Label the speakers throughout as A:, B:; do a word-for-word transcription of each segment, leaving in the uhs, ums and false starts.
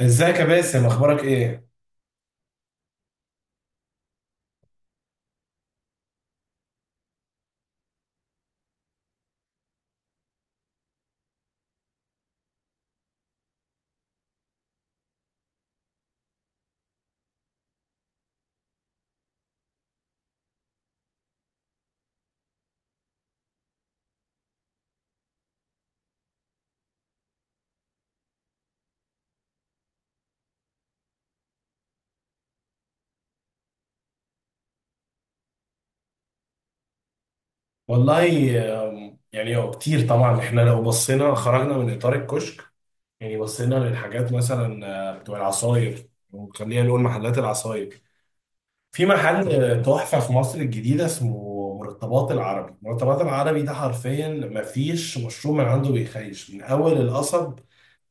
A: ازيك يا باسم، اخبارك ايه؟ والله، آم، يعني هو كتير. طبعا احنا لو بصينا خرجنا من اطار الكشك. يعني بصينا للحاجات مثلا آه، بتوع العصاير، وخلينا نقول محلات العصاير. في محل تحفة في مصر الجديدة اسمه مرتبات العربي. مرتبات العربي ده حرفيا مفيش مشروب من عنده بيخيش، من أول القصب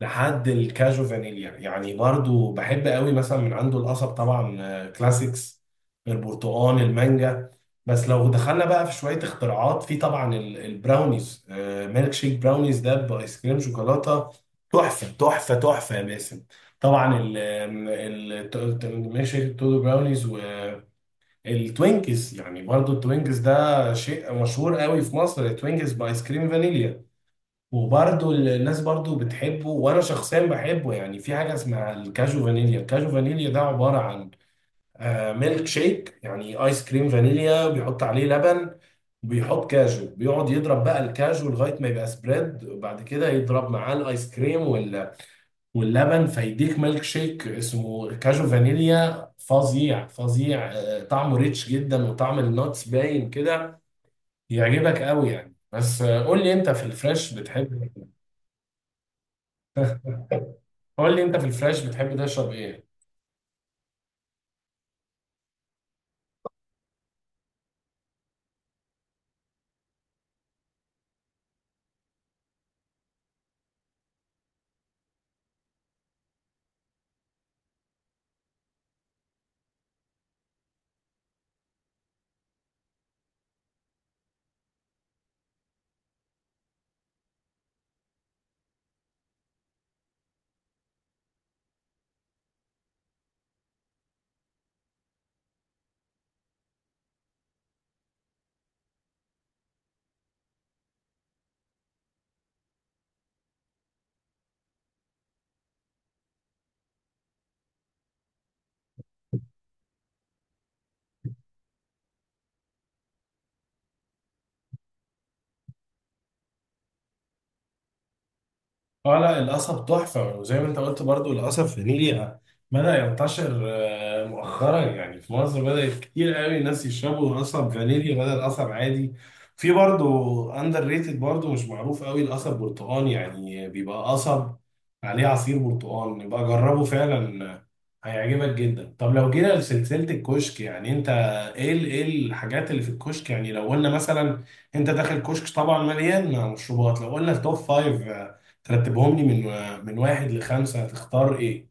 A: لحد الكاجو فانيليا. يعني برضو بحب قوي مثلا من عنده القصب، طبعا آه، كلاسيكس البرتقال المانجا. بس لو دخلنا بقى في شوية اختراعات، في طبعا ال- البراونيز. آه، ميلك شيك براونيز ده بآيس كريم شوكولاتة، تحفة تحفة تحفة يا باسم. طبعا ال ال- الت- الت- ميلك شيك تودو براونيز. التوينكس، يعني برضو التوينكس ده شيء مشهور قوي في مصر، التوينكس بايس كريم فانيليا. وبرضو الناس برضو بتحبه، وانا شخصيا بحبه. يعني في حاجة اسمها الكاجو فانيليا. الكاجو فانيليا ده عبارة عن آه، ميلك شيك، يعني ايس كريم فانيليا بيحط عليه لبن، بيحط كاجو، بيقعد يضرب بقى الكاجو لغاية ما يبقى سبريد، وبعد كده يضرب معاه الايس كريم واللبن، فيديك ميلك شيك اسمه كاجو فانيليا. فظيع فظيع، آه، طعمه ريتش جدا وطعم النوتس باين كده، يعجبك قوي يعني. بس آه، قول لي، انت في الفريش بتحب إيه؟ قول لي، انت في الفريش بتحب تشرب ايه؟ اه، لا، القصب تحفة. وزي ما انت قلت برضو، القصب في نيلي بدأ ينتشر آه، مؤخرا. يعني في مصر بدأت كتير قوي الناس يشربوا قصب فانيلي بدل قصب عادي. في برضو اندر ريتد، برضو مش معروف قوي، القصب برتقال. يعني بيبقى قصب عليه عصير برتقال. يبقى جربه فعلا آه، هيعجبك جدا. طب لو جينا لسلسلة الكشك، يعني انت ايه ال- ايه الحاجات اللي في الكشك؟ يعني لو قلنا مثلا انت داخل كشك طبعا مليان مشروبات، لو قلنا التوب فايف، ترتبهم لي من من واحد لخمسة، هتختار ايه؟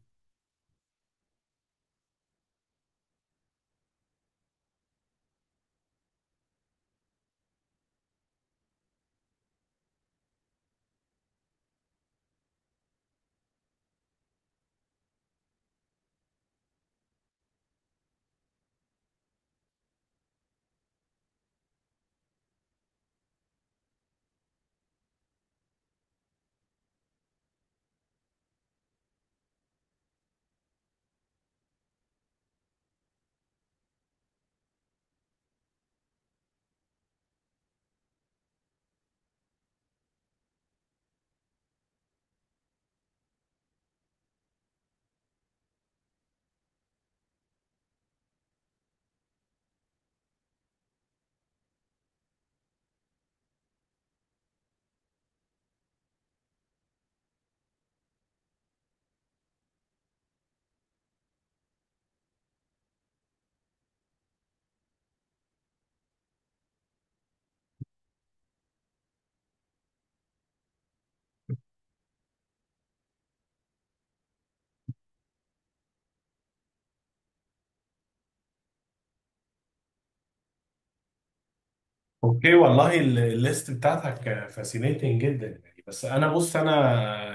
A: اوكي، والله ال- الليست بتاعتك فاسينيتنج جدا يعني. بس انا، بص، انا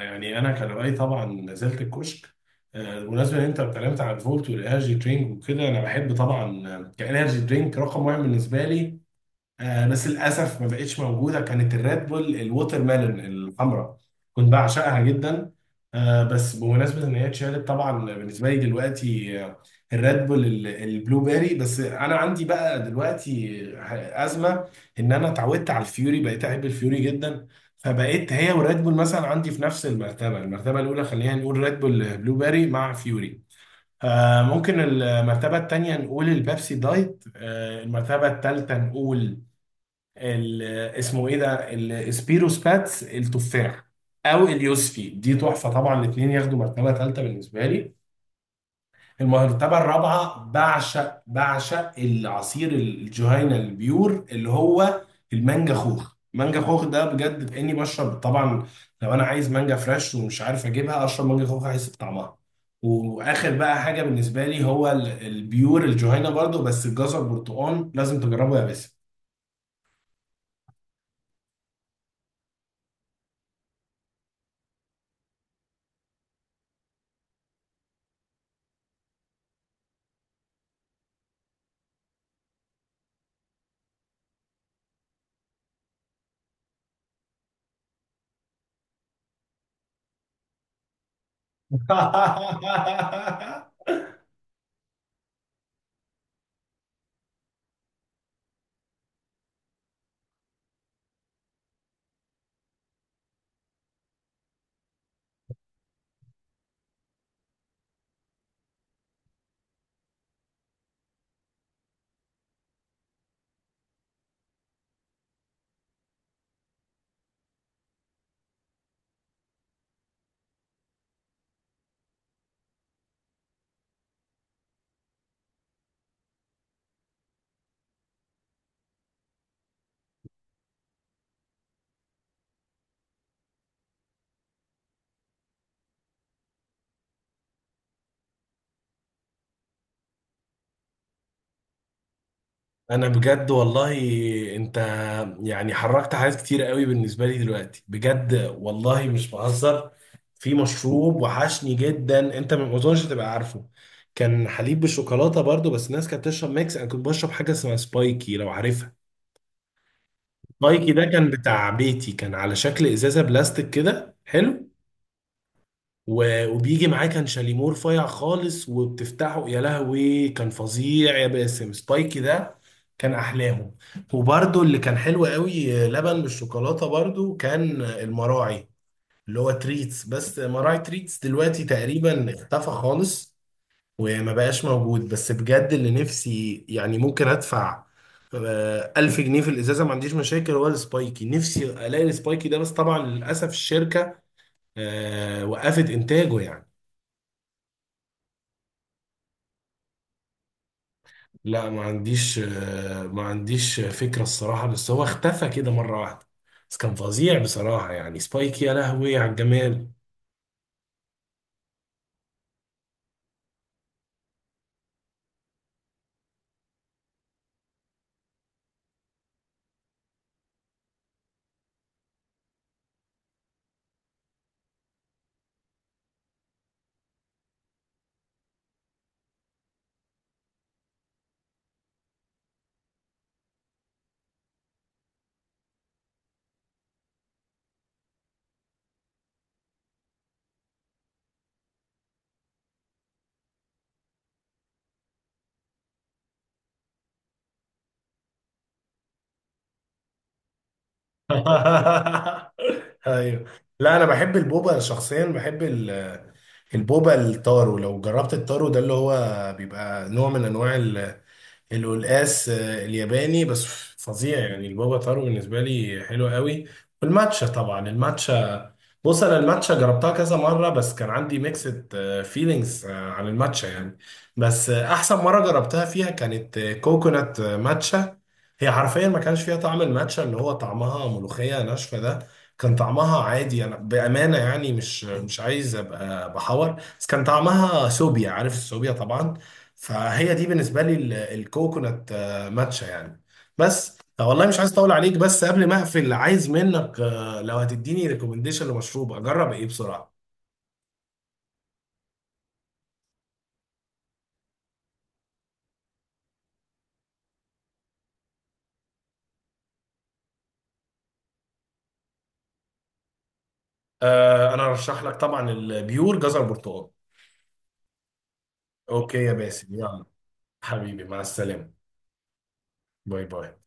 A: يعني انا كان رايي طبعا نزلت الكشك آه، بالمناسبه ان انت اتكلمت عن الفولت والانرجي درينك وكده. انا بحب طبعا كانرجي درينك رقم واحد بالنسبه لي، آه، بس للاسف ما بقتش موجوده، كانت الريد بول الووتر ميلون الحمراء، كنت بعشقها جدا. آه، بس بمناسبه ان هي اتشالت، طبعا بالنسبه لي دلوقتي آه، الريد بول ال- البلو بيري. بس انا عندي بقى دلوقتي ه- ازمه، ان انا اتعودت على الفيوري، بقيت احب الفيوري جدا. فبقيت هي والريد بول مثلا عندي في نفس المرتبه المرتبه الاولى خلينا نقول ريد بول بلو بيري مع فيوري. آه، ممكن المرتبه الثانيه نقول البيبسي دايت. آه، المرتبه الثالثه نقول ال- اسمه ايه ده، السبيروس باتس التفاح او اليوسفي، دي تحفه طبعا، الاثنين ياخدوا مرتبه ثالثه بالنسبه لي. المرتبه الرابعه، بعشق بعشق العصير الجهينه البيور، اللي هو المانجا خوخ. مانجا خوخ ده بجد كاني بشرب طبعا، لو انا عايز مانجا فريش ومش عارف اجيبها، اشرب مانجا خوخ احس بطعمها. واخر بقى حاجه بالنسبه لي، هو ال- البيور الجهينه برضو بس الجزر برتقال، لازم تجربه يا باسم. انا بجد، والله انت يعني حركت حاجات كتير قوي بالنسبه لي دلوقتي، بجد والله مش بهزر. في مشروب وحشني جدا، انت ما اظنش تبقى عارفه، كان حليب بالشوكولاته برضو، بس الناس كانت بتشرب ميكس، انا كنت بشرب حاجه اسمها سبايكي، لو عارفها. سبايكي ده كان بتاع بيتي، كان على شكل ازازه بلاستيك كده حلو، و- وبيجي معاه كان شاليمور فايع خالص، وبتفتحه، يا لهوي، كان فظيع يا باسم. سبايكي ده كان احلاهم. وبرده اللي كان حلو قوي آه، لبن بالشوكولاته، برده كان آه، المراعي اللي هو تريتس. بس مراعي تريتس دلوقتي تقريبا اختفى خالص وما بقاش موجود. بس بجد اللي نفسي، يعني ممكن ادفع آه، ألف جنيه في الإزازة، ما عنديش مشاكل، هو السبايكي، نفسي ألاقي السبايكي ده. بس طبعا للأسف الشركة آه، وقفت إنتاجه يعني. لا، ما عنديش آه، ما عنديش فكرة الصراحة، بس هو اختفى كده مرة واحدة. بس كان فظيع بصراحة، يعني سبايك، يا لهوي على الجمال. ايوه. لا، انا بحب البوبا شخصيا، بحب ال- البوبا التارو. لو جربت التارو ده، اللي هو بيبقى نوع من انواع القلقاس آه، الياباني، بس فظيع يعني. البابا طارو بالنسبة لي حلو قوي. والماتشا، طبعا الماتشا، بص انا الماتشا جربتها كذا مرة، بس كان عندي ميكسد فيلينجز عن الماتشا يعني. بس آه، احسن مرة جربتها فيها كانت آه، كوكونات آه، ماتشا. هي حرفيا ما كانش فيها طعم الماتشا اللي هو طعمها ملوخية ناشفة ده، كان طعمها عادي. انا بأمانة يعني مش مش عايز ابقى بحور، بس كان طعمها سوبيا، عارف السوبيا طبعا. فهي دي بالنسبه لي ال- الكوكونات آه، ماتشا يعني. بس طب والله مش عايز اطول عليك، بس قبل ما اقفل عايز منك آه، لو هتديني ريكومنديشن لمشروب اجرب ايه بسرعه؟ آه، انا ارشح لك طبعا البيور جزر برتقال. اوكي يا باسم، يلا حبيبي، مع السلامه. باي باي.